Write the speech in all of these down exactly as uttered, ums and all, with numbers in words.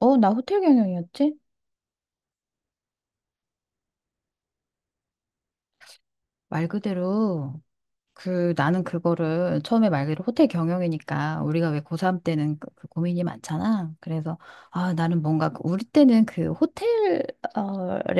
어, 나 호텔 경영이었지? 말 그대로, 그 나는 그거를 처음에 말 그대로 호텔 경영이니까 우리가 왜 고삼 때는 그, 그 고민이 많잖아. 그래서 아 나는 뭔가 그- 우리 때는 그 호텔에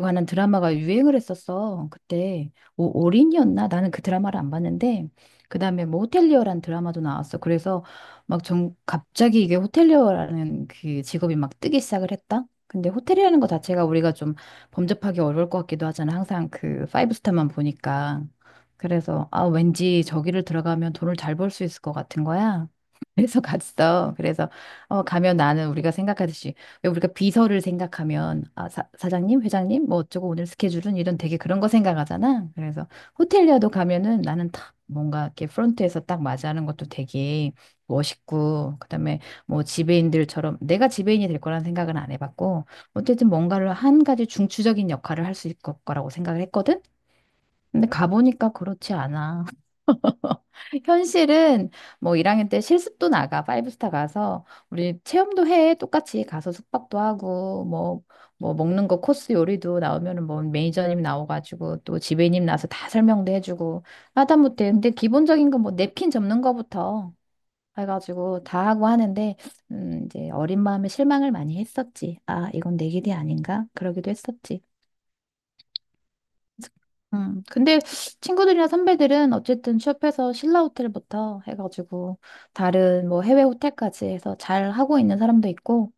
관한 드라마가 유행을 했었어. 그때 오, 올인이었나? 나는 그 드라마를 안 봤는데 그다음에 뭐 호텔리어라는 드라마도 나왔어. 그래서 막 전 갑자기 이게 호텔리어라는 그 직업이 막 뜨기 시작을 했다. 근데 호텔이라는 거 자체가 우리가 좀 범접하기 어려울 것 같기도 하잖아. 항상 그 파이브 스타만 보니까. 그래서 아 왠지 저기를 들어가면 돈을 잘 벌 수 있을 것 같은 거야. 그래서 갔어. 그래서 어 가면 나는 우리가 생각하듯이 왜 우리가 비서를 생각하면 아 사, 사장님, 회장님 뭐 어쩌고 오늘 스케줄은 이런 되게 그런 거 생각하잖아. 그래서 호텔리아도 가면은 나는 딱 뭔가 이렇게 프론트에서 딱 맞이하는 것도 되게 멋있고 그다음에 뭐 지배인들처럼 내가 지배인이 될 거라는 생각은 안 해봤고 어쨌든 뭔가를 한 가지 중추적인 역할을 할 수 있을 거라고 생각을 했거든. 근데 가보니까 그렇지 않아. 현실은 뭐 일 학년 때 실습도 나가, 파이브스타 가서 우리 체험도 해. 똑같이 가서 숙박도 하고 뭐 뭐 먹는 거 코스 요리도 나오면은 뭐 매니저님 나와가지고 또 지배님 나서 다 설명도 해주고 하다못해 근데 기본적인 건 뭐 냅킨 접는 거부터 해가지고 다 하고 하는데 음 이제 어린 마음에 실망을 많이 했었지. 아 이건 내 길이 아닌가? 그러기도 했었지. 음, 근데 친구들이나 선배들은 어쨌든 취업해서 신라 호텔부터 해가지고 다른 뭐 해외 호텔까지 해서 잘 하고 있는 사람도 있고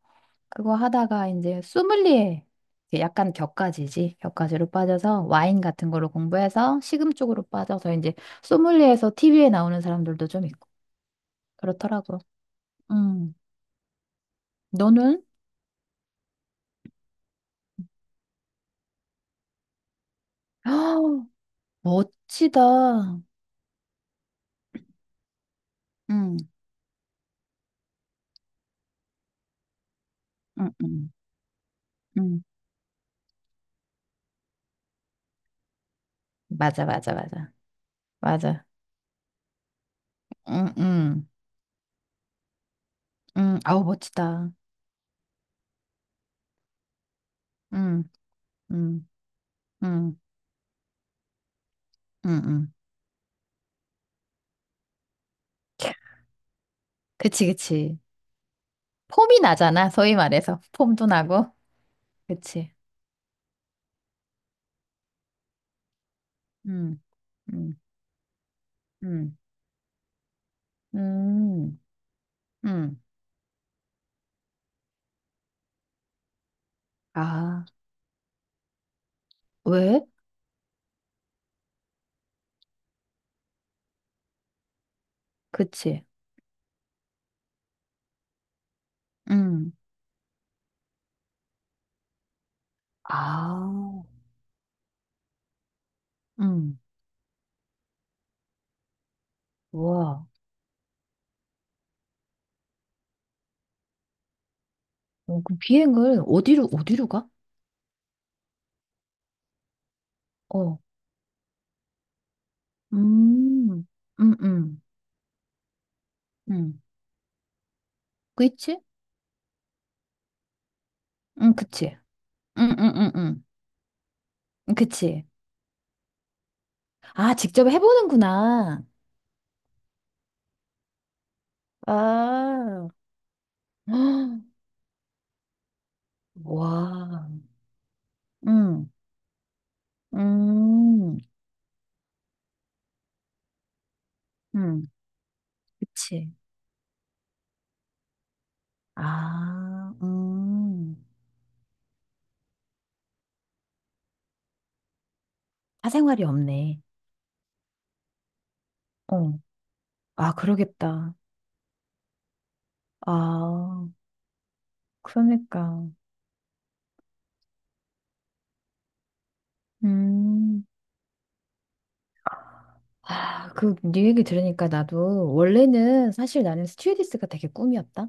그거 하다가 이제 소믈리에 이제 약간 격가지지 격가지로 빠져서 와인 같은 거로 공부해서 식음 쪽으로 빠져서 이제 소믈리에에서 티비에 나오는 사람들도 좀 있고 그렇더라고. 음, 너는? 멋지다. 음, 음, 음, 음. 맞아, 맞아, 맞아, 맞아. 응, 응. 음, 아우, 멋지다. 음, 음, 음, 음, 음. 그치, 그치. 폼이 나잖아, 소위 말해서. 폼도 나고. 그치. 음, 음, 음, 음, 음. 아, 왜? 그치. 음, 아, 음, 와. 어, 그 비행을 어디로, 어디로 가? 어, 음, 음, 음, 음. 그치? 응, 그치. 음, 음, 음, 음. 그치. 아, 직접 해보는구나. 아, 헉, 와, 음, 음, 음, 그치. 아, 음, 사생활이 없네. 어, 아, 그러겠다. 아, 그러니까, 음. 아, 그, 네 얘기 들으니까 나도, 원래는 사실 나는 스튜어디스가 되게 꿈이었다.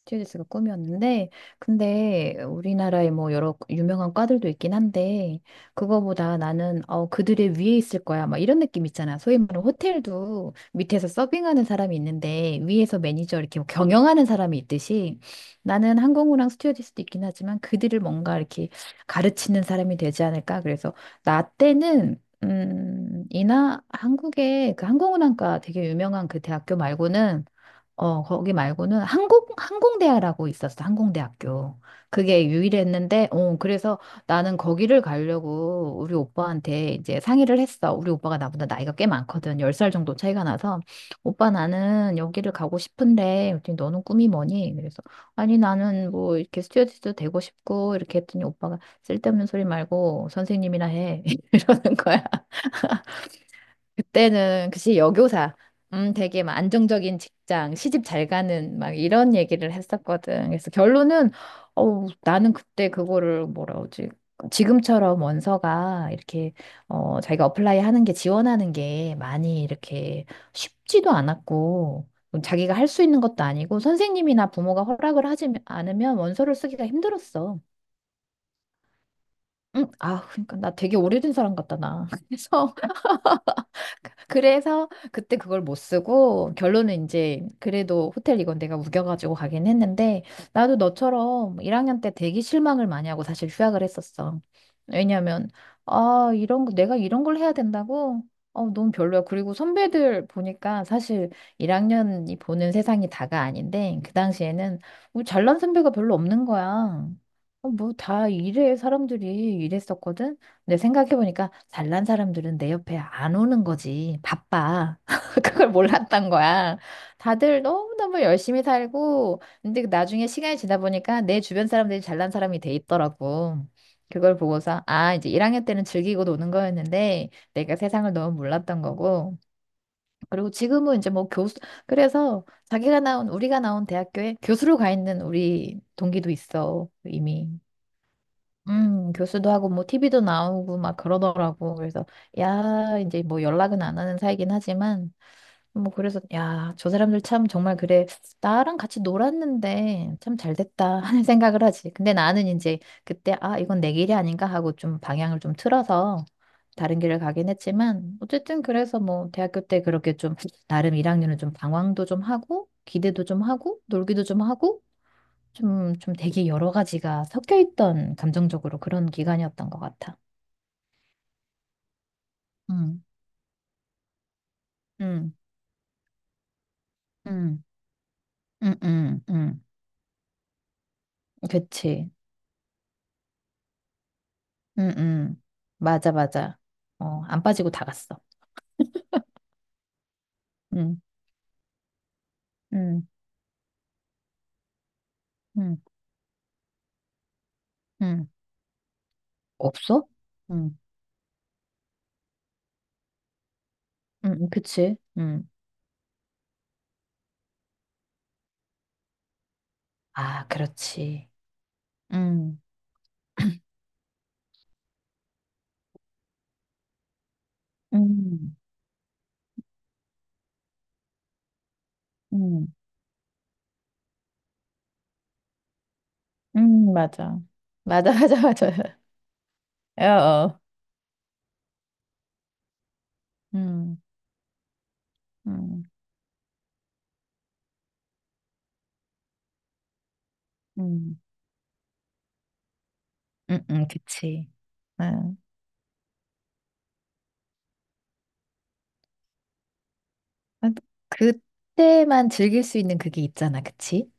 스튜어디스가 꿈이었는데, 근데 우리나라에 뭐 여러 유명한 과들도 있긴 한데, 그거보다 나는, 어, 그들의 위에 있을 거야. 막 이런 느낌 있잖아. 소위 말하는 호텔도 밑에서 서빙하는 사람이 있는데, 위에서 매니저 이렇게 뭐 경영하는 사람이 있듯이, 나는 항공우랑 스튜어디스도 있긴 하지만, 그들을 뭔가 이렇게 가르치는 사람이 되지 않을까. 그래서, 나 때는, 음, 이나 한국에 그 항공운항과 되게 유명한 그 대학교 말고는 어 거기 말고는 항공 항공대학이라고 있었어 항공대학교 그게 유일했는데 어 그래서 나는 거기를 가려고 우리 오빠한테 이제 상의를 했어 우리 오빠가 나보다 나이가 꽤 많거든 열 살 정도 차이가 나서 오빠 나는 여기를 가고 싶은데 그랬더니 너는 꿈이 뭐니 그래서 아니 나는 뭐 이렇게 스튜어디스도 되고 싶고 이렇게 했더니 오빠가 쓸데없는 소리 말고 선생님이나 해 이러는 거야 그때는 글씨 여교사, 음, 되게 막 안정적인 직장, 시집 잘 가는 막 이런 얘기를 했었거든. 그래서 결론은 어, 나는 그때 그거를 뭐라 그러지? 지금처럼 원서가 이렇게 어, 자기가 어플라이 하는 게 지원하는 게 많이 이렇게 쉽지도 않았고 뭐 자기가 할 수 있는 것도 아니고 선생님이나 부모가 허락을 하지 않으면 원서를 쓰기가 힘들었어. 응, 아, 그러니까 나 되게 오래된 사람 같다, 나. 그래서 그래서 그때 그걸 못 쓰고 결론은 이제 그래도 호텔 이건 내가 우겨가지고 가긴 했는데 나도 너처럼 일 학년 때 되게 실망을 많이 하고 사실 휴학을 했었어. 왜냐면 아 이런 거 내가 이런 걸 해야 된다고? 어 너무 별로야. 그리고 선배들 보니까 사실 일 학년이 보는 세상이 다가 아닌데 그 당시에는 우리 잘난 선배가 별로 없는 거야. 어, 뭐다 이래 사람들이 이랬었거든. 근데 생각해보니까 잘난 사람들은 내 옆에 안 오는 거지. 바빠. 그걸 몰랐던 거야. 다들 너무너무 열심히 살고, 근데 그 나중에 시간이 지나 보니까 내 주변 사람들이 잘난 사람이 돼 있더라고. 그걸 보고서, 아, 이제 일 학년 때는 즐기고 노는 거였는데, 내가 세상을 너무 몰랐던 거고. 그리고 지금은 이제 뭐 교수, 그래서 자기가 나온, 우리가 나온 대학교에 교수로 가 있는 우리 동기도 있어, 이미. 음, 교수도 하고 뭐 티비도 나오고 막 그러더라고. 그래서 야, 이제 뭐 연락은 안 하는 사이긴 하지만 뭐 그래서 야, 저 사람들 참 정말 그래. 나랑 같이 놀았는데 참 잘 됐다 하는 생각을 하지. 근데 나는 이제 그때 아, 이건 내 길이 아닌가 하고 좀 방향을 좀 틀어서 다른 길을 가긴 했지만 어쨌든 그래서 뭐 대학교 때 그렇게 좀 나름 일 학년은 좀 방황도 좀 하고 기대도 좀 하고 놀기도 좀 하고 좀, 좀 되게 여러 가지가 섞여 있던 감정적으로 그런 기간이었던 것 같아. 응, 응, 응, 응, 응, 응. 그치. 응, 응. 맞아, 맞아. 어, 안 빠지고 다 갔어. 응, 응, 응, 응. 없어? 응, 응, 그치. 응. 아, 그렇지. 응, 응, 응, 응, 맞아. 맞아, 맞아, 맞아. 어, 어. 응, 응, 응, 응, 응, 그치. 응. 아, 그때만 즐길 수 있는 그게 있잖아, 그치?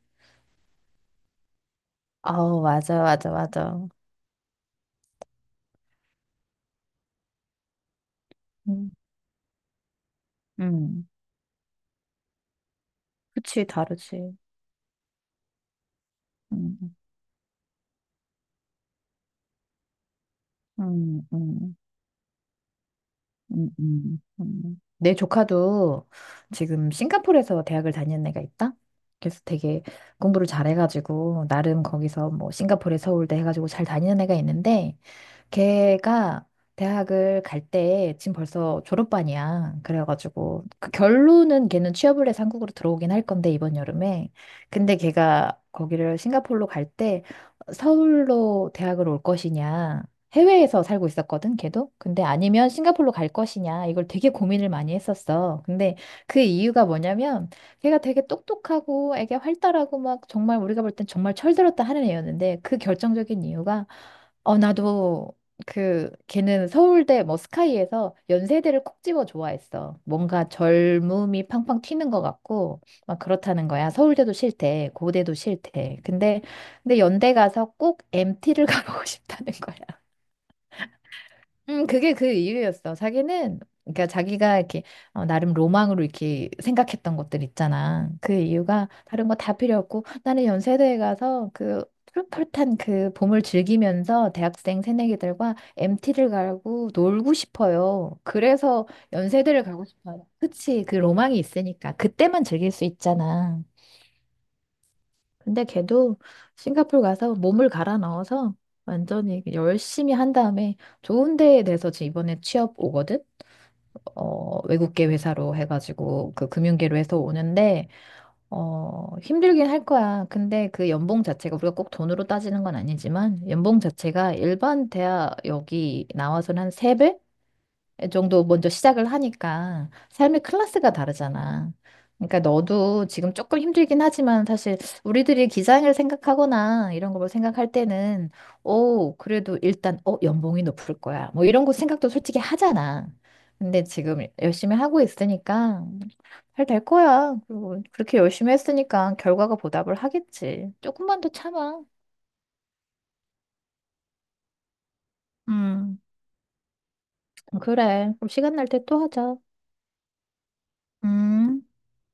아 맞아, 맞아, 맞아. 음. 음, 그치, 다르지. 음, 음, 음, 음, 음, 음. 음. 내 조카도 지금 싱가포르에서 대학을 다니는 애가 있다? 그래서 되게 공부를 잘해가지고, 나름 거기서 뭐 싱가포르에 서울대 해가지고 잘 다니는 애가 있는데, 걔가 대학을 갈 때 지금 벌써 졸업반이야. 그래가지고 그 결론은 걔는 취업을 해서 한국으로 들어오긴 할 건데 이번 여름에. 근데 걔가 거기를 싱가포르로 갈 때 서울로 대학을 올 것이냐. 해외에서 살고 있었거든, 걔도. 근데 아니면 싱가포르로 갈 것이냐. 이걸 되게 고민을 많이 했었어. 근데 그 이유가 뭐냐면 걔가 되게 똑똑하고 애게 활달하고 막 정말 우리가 볼 땐 정말 철들었다 하는 애였는데 그 결정적인 이유가 어, 나도 그 걔는 서울대 뭐 스카이에서 연세대를 콕 집어 좋아했어. 뭔가 젊음이 팡팡 튀는 것 같고 막 그렇다는 거야. 서울대도 싫대, 고대도 싫대. 근데 근데 연대 가서 꼭 엠티를 가보고 싶다는 거야. 음, 그게 그 이유였어. 자기는, 그러니까 자기가 이렇게, 어, 나름 로망으로 이렇게 생각했던 것들 있잖아. 그 이유가 다른 거 다 필요 없고, 나는 연세대에 가서 그 푸릇푸릇한 그 봄을 즐기면서 대학생 새내기들과 엠티를 가고 놀고 싶어요. 그래서 연세대를 가고 싶어요. 그치, 그 로망이 있으니까. 그때만 즐길 수 있잖아. 근데 걔도 싱가포르 가서 몸을 갈아 넣어서 완전히 열심히 한 다음에 좋은 데에 대해서 지금 이번에 취업 오거든? 어, 외국계 회사로 해가지고 그 금융계로 해서 오는데, 어, 힘들긴 할 거야. 근데 그 연봉 자체가 우리가 꼭 돈으로 따지는 건 아니지만 연봉 자체가 일반 대학 여기 나와서는 한세배 정도 먼저 시작을 하니까 삶의 클래스가 다르잖아. 그러니까 너도 지금 조금 힘들긴 하지만 사실 우리들이 기장을 생각하거나 이런 걸 생각할 때는 오, 그래도 일단 어, 연봉이 높을 거야. 뭐 이런 거 생각도 솔직히 하잖아. 근데 지금 열심히 하고 있으니까 잘 될 거야. 그리고 그렇게 열심히 했으니까 결과가 보답을 하겠지. 조금만 더 참아. 음. 그래. 그럼 시간 날 때 또 하자. 음.